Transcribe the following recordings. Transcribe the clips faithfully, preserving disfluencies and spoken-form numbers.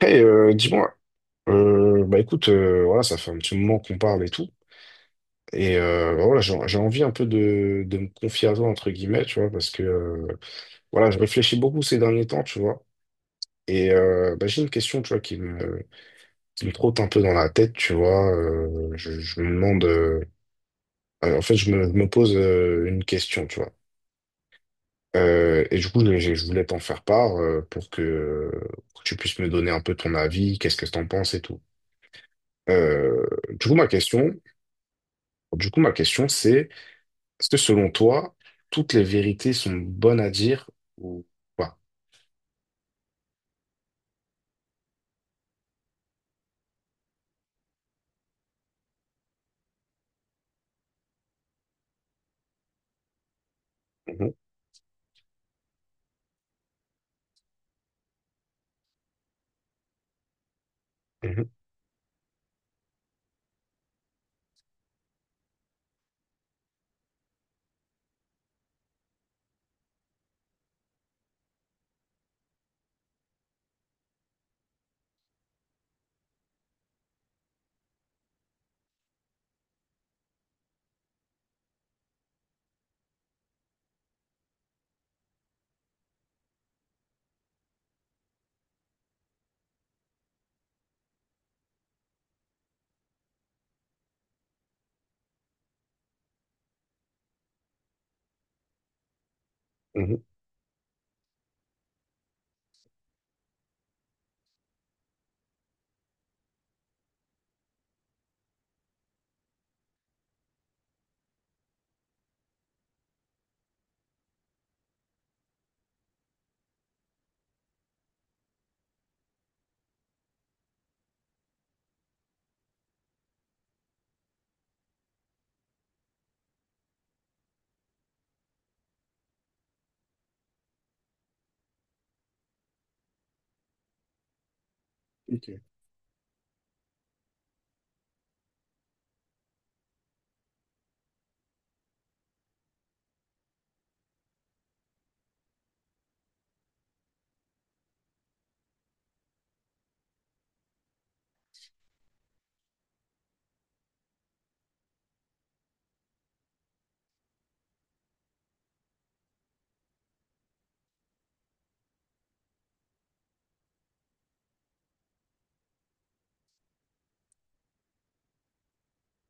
Hey, euh, dis-moi, euh, bah écoute, euh, voilà, ça fait un petit moment qu'on parle et tout, et euh, bah voilà, j'ai j'ai envie un peu de, de me confier à toi, entre guillemets, tu vois, parce que, euh, voilà, je réfléchis beaucoup ces derniers temps, tu vois, et euh, bah, j'ai une question, tu vois, qui me, qui me trotte un peu dans la tête, tu vois, euh, je, je me demande, euh, euh, en fait, je me, je me pose euh, une question, tu vois. Euh, et du coup, je, je voulais t'en faire part euh, pour que, pour que tu puisses me donner un peu ton avis, qu'est-ce que t'en penses et tout. Euh, du coup, ma question, du coup, ma question, c'est, est-ce que selon toi, toutes les vérités sont bonnes à dire ou pas? Mhm, mhm, mhm. Ok.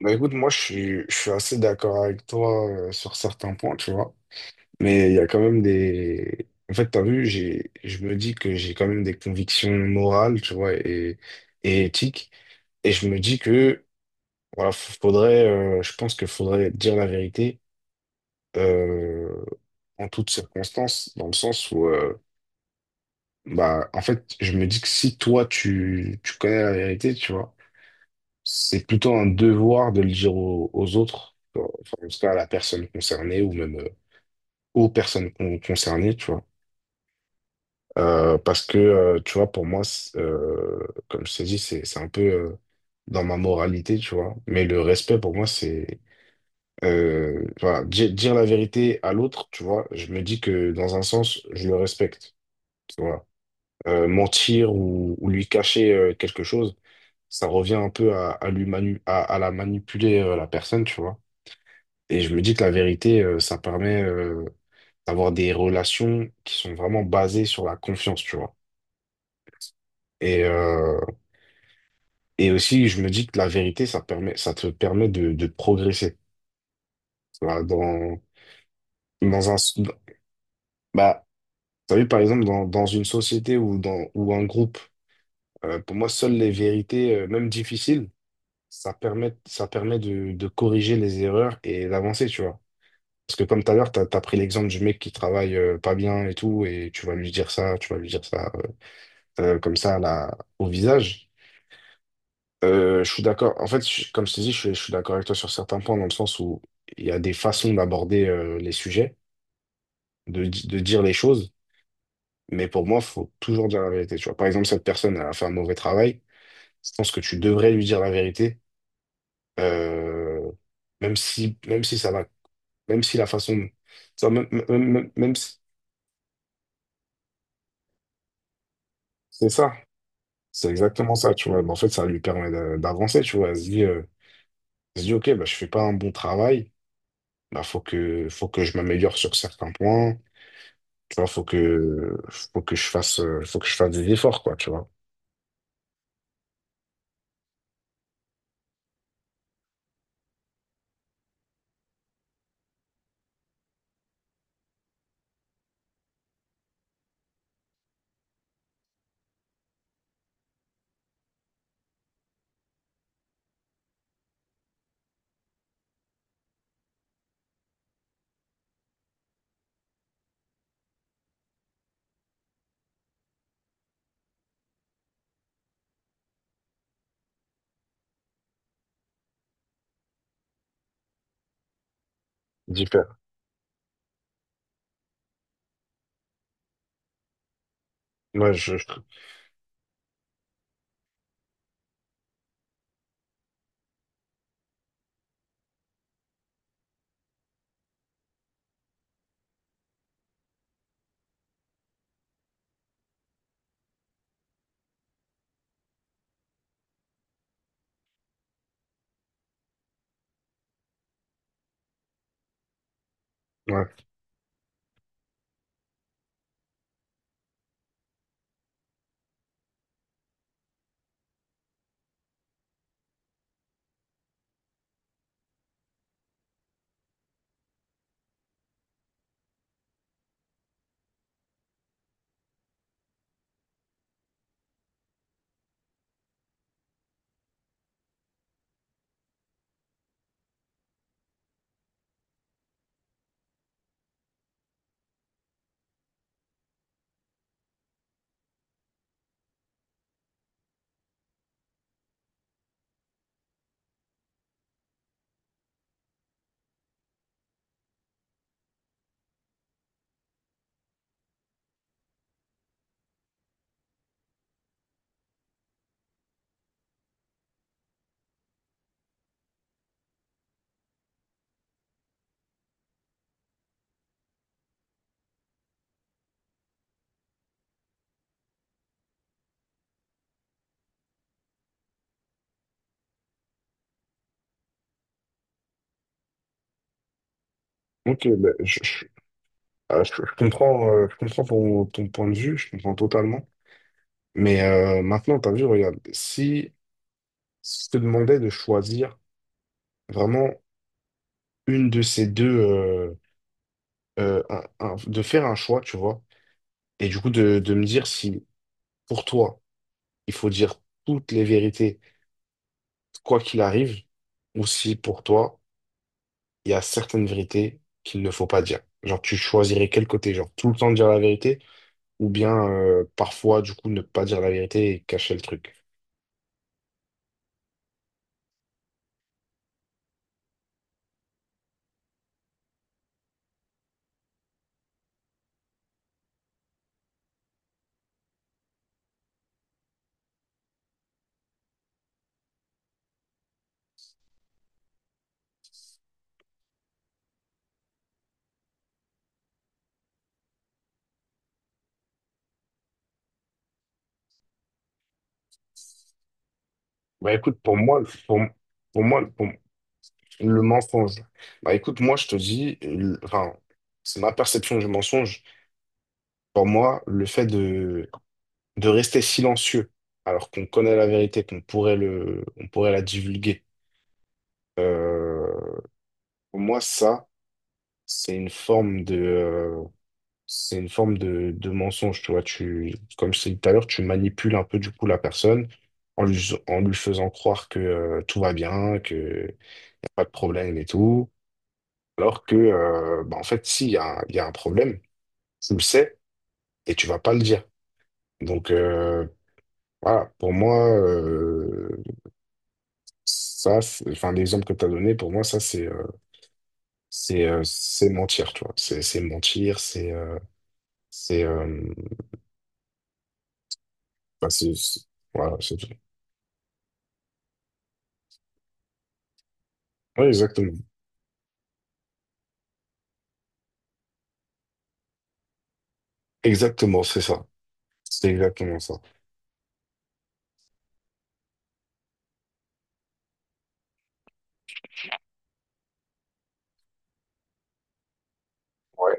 Bah écoute, moi, je suis, je suis assez d'accord avec toi euh, sur certains points, tu vois. Mais il y a quand même des... En fait, t'as vu, j'ai, je me dis que j'ai quand même des convictions morales, tu vois, et, et éthiques. Et je me dis que voilà, f- faudrait, euh, je pense qu'il faudrait dire la vérité euh, en toutes circonstances, dans le sens où, euh, bah, en fait, je me dis que si toi, tu, tu connais la vérité, tu vois, c'est plutôt un devoir de le dire aux, aux autres, tu vois. Enfin, en tout cas à la personne concernée ou même euh, aux personnes con- concernées, tu vois. Euh, parce que, euh, tu vois, pour moi, c'est, euh, comme je t'ai dit, c'est, c'est un peu euh, dans ma moralité, tu vois. Mais le respect, pour moi, c'est euh, voilà, di- dire, la vérité à l'autre, tu vois, je me dis que dans un sens, je le respecte. Tu vois. Euh, mentir ou, ou lui cacher euh, quelque chose, ça revient un peu à, à lui manu- à, à la manipuler euh, la personne, tu vois. Et je me dis que la vérité, euh, ça permet euh, d'avoir des relations qui sont vraiment basées sur la confiance, tu vois. Et, euh, et aussi, je me dis que la vérité, ça permet, ça te permet de, de progresser. Tu vois, dans, dans un, s- bah, t'as vu, par exemple, dans, dans une société ou dans ou un groupe, euh, pour moi, seules les vérités, euh, même difficiles, ça permet, ça permet de, de corriger les erreurs et d'avancer, tu vois. Parce que comme tout à l'heure, t'as, t'as pris l'exemple du mec qui travaille euh, pas bien et tout, et tu vas lui dire ça, tu vas lui dire ça euh, euh, comme ça là, au visage. Euh, je suis d'accord. En fait, je- comme je te dis, je, suis- je suis d'accord avec toi sur certains points, dans le sens où il y a des façons d'aborder euh, les sujets, de, di- de dire les choses, mais pour moi, faut toujours dire la vérité, tu vois. Par exemple, cette personne elle a fait un mauvais travail. Je pense que tu devrais lui dire la vérité, euh, même si, même si ça va, même si la façon, ça, même, même, même- même si, c'est ça, c'est exactement ça, tu vois. Mais en fait, ça lui permet d'a- d'avancer, tu vois. Elle se dit, euh, elle se dit, ok, bah, je fais pas un bon travail, bah, faut que, faut que je m'améliore sur certains points, tu vois, faut que, faut que je fasse, euh, faut que je fasse des efforts, quoi, tu vois. Diffé- Ouais, je, je- ouais. Ok, bah, je, je, ah, je- je comprends, euh, je comprends ton, ton point de vue, je comprends totalement. Mais euh, maintenant, t'as vu, regarde, si je te demandais de choisir vraiment une de ces deux, euh, euh, un- un- de faire un choix, tu vois, et du coup de, de me dire si pour toi, il faut dire toutes les vérités, quoi qu'il arrive, ou si pour toi, il y a certaines vérités qu'il ne faut pas dire. Genre, tu choisirais quel côté, genre tout le temps dire la vérité, ou bien euh, parfois, du coup, ne pas dire la vérité et cacher le truc. Bah écoute, pour moi, pour, pour moi, pour moi, le mensonge. Bah écoute, moi je te dis, le- enfin, c'est ma perception du mensonge. Pour moi, le fait de, de rester silencieux, alors qu'on connaît la vérité, qu'on pourrait le, on pourrait la divulguer, euh, pour moi, ça, c'est une forme de, euh, c'est une forme de, de mensonge, tu vois. Tu, comme je t'ai dit tout à l'heure, tu manipules un peu du coup la personne en lui, en lui faisant croire que euh, tout va bien, que y a pas de problème et tout. Alors que, euh, bah, en fait, s'il y a, un- il y a un problème, tu le sais et tu vas pas le dire. Donc euh, voilà, pour moi, euh, ça, c'est- enfin l'exemple que tu as donné, pour moi, ça c'est euh, c'est euh, c'est mentir, tu vois. C'est c'est mentir, c'est euh, c'est euh, bah, c'est- c'est- voilà, c'est tout. Oui, exactement. Exactement, c'est ça. C'est exactement ça. Ouais.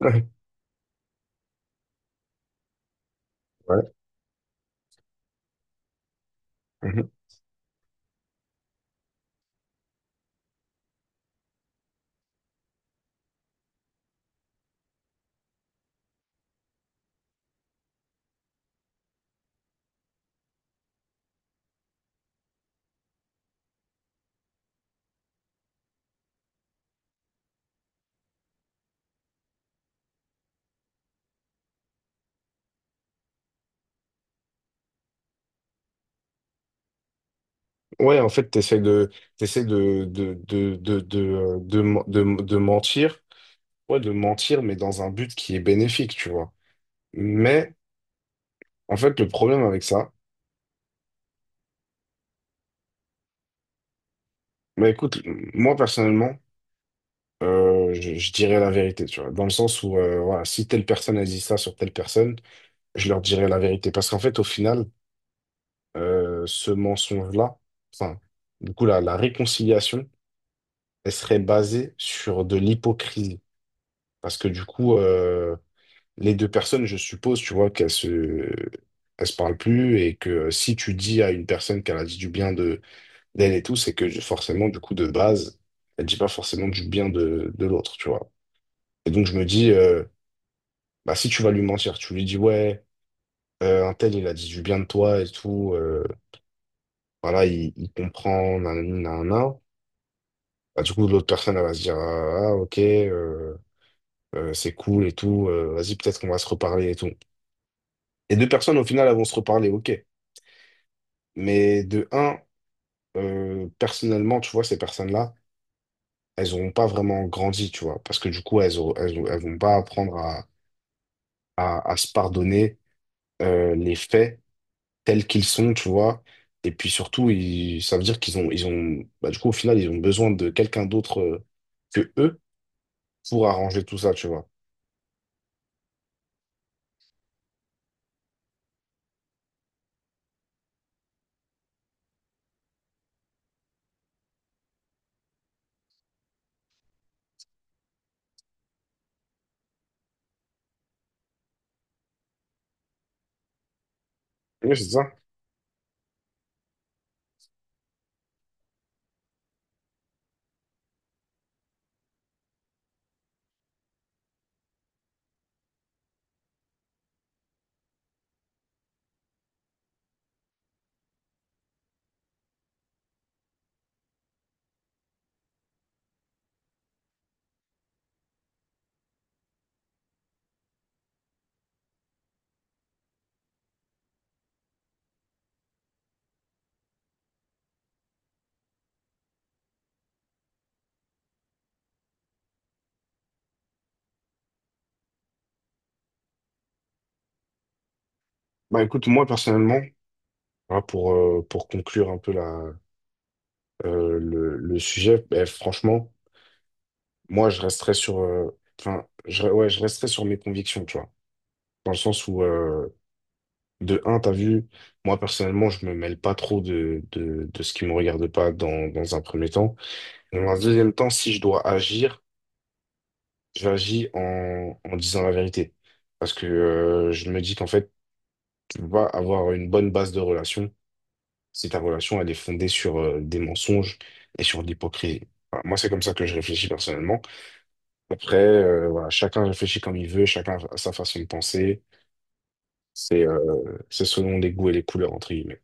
Ouais. Mhm. Ouais, en fait, t'essaies de, t'essaies de, de, de, de, de, euh, de, men- de, de mentir, ouais, de mentir, mais dans un but qui est bénéfique, tu vois. Mais en fait, le problème avec ça, mais écoute, moi personnellement, euh, je, je dirais la vérité, tu vois, dans le sens où, euh, voilà, si telle personne a dit ça sur telle personne, je leur dirais la vérité. Parce qu'en fait, au final, euh, ce mensonge-là, enfin, du coup, la, la réconciliation, elle serait basée sur de l'hypocrisie. Parce que du coup, euh, les deux personnes, je suppose, tu vois, qu'elles se, elles se parlent plus et que si tu dis à une personne qu'elle a dit du bien d'elle et tout, c'est que j'ai forcément, du coup, de base, elle dit pas forcément du bien de, de l'autre, tu vois. Et donc, je me dis, euh, bah, si tu vas lui mentir, tu lui dis, ouais, euh, un tel, il a dit du bien de toi et tout, euh, voilà, il, il comprend, nanani, nanana. Bah, du coup, l'autre personne, elle va se dire, ah, ah, ok, euh, euh, c'est cool et tout, euh, vas-y, peut-être qu'on va se reparler et tout. Et deux personnes, au final, elles vont se reparler, ok. Mais de un, euh, personnellement, tu vois, ces personnes-là, elles n'auront pas vraiment grandi, tu vois, parce que du coup, elles, auront- elles, auront- elles vont pas apprendre à, à, à se pardonner euh, les faits tels qu'ils sont, tu vois. Et puis surtout, ils, ça veut dire qu'ils ont, ils ont, bah, du coup, au final, ils ont besoin de quelqu'un d'autre euh, que eux pour arranger tout ça, tu vois. Oui, c'est ça. Bah écoute, moi personnellement, voilà, pour, euh, pour conclure un peu la, euh, le, le sujet, bah, franchement, moi je resterais sur, euh, enfin, je, ouais, je resterais sur mes convictions, tu vois. Dans le sens où, euh, de un, t'as vu, moi personnellement, je me mêle pas trop de, de, de ce qui me regarde pas dans, dans un premier temps. Dans un deuxième temps, si je dois agir, j'agis en, en disant la vérité. Parce que euh, je me dis qu'en fait, tu vas avoir une bonne base de relation si ta relation, elle est fondée sur euh, des mensonges et sur de l'hypocrisie. Voilà, moi, c'est comme ça que je réfléchis personnellement. Après, euh, voilà, chacun réfléchit comme il veut, chacun a sa façon de penser. C'est euh, c'est selon les goûts et les couleurs, entre guillemets.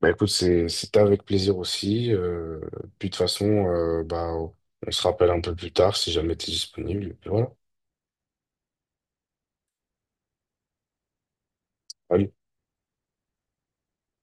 Bah écoute, c'est- c'était avec plaisir aussi. euh, puis de toute façon, euh, bah, on se rappelle un peu plus tard si jamais tu es disponible. Et puis voilà. Allez.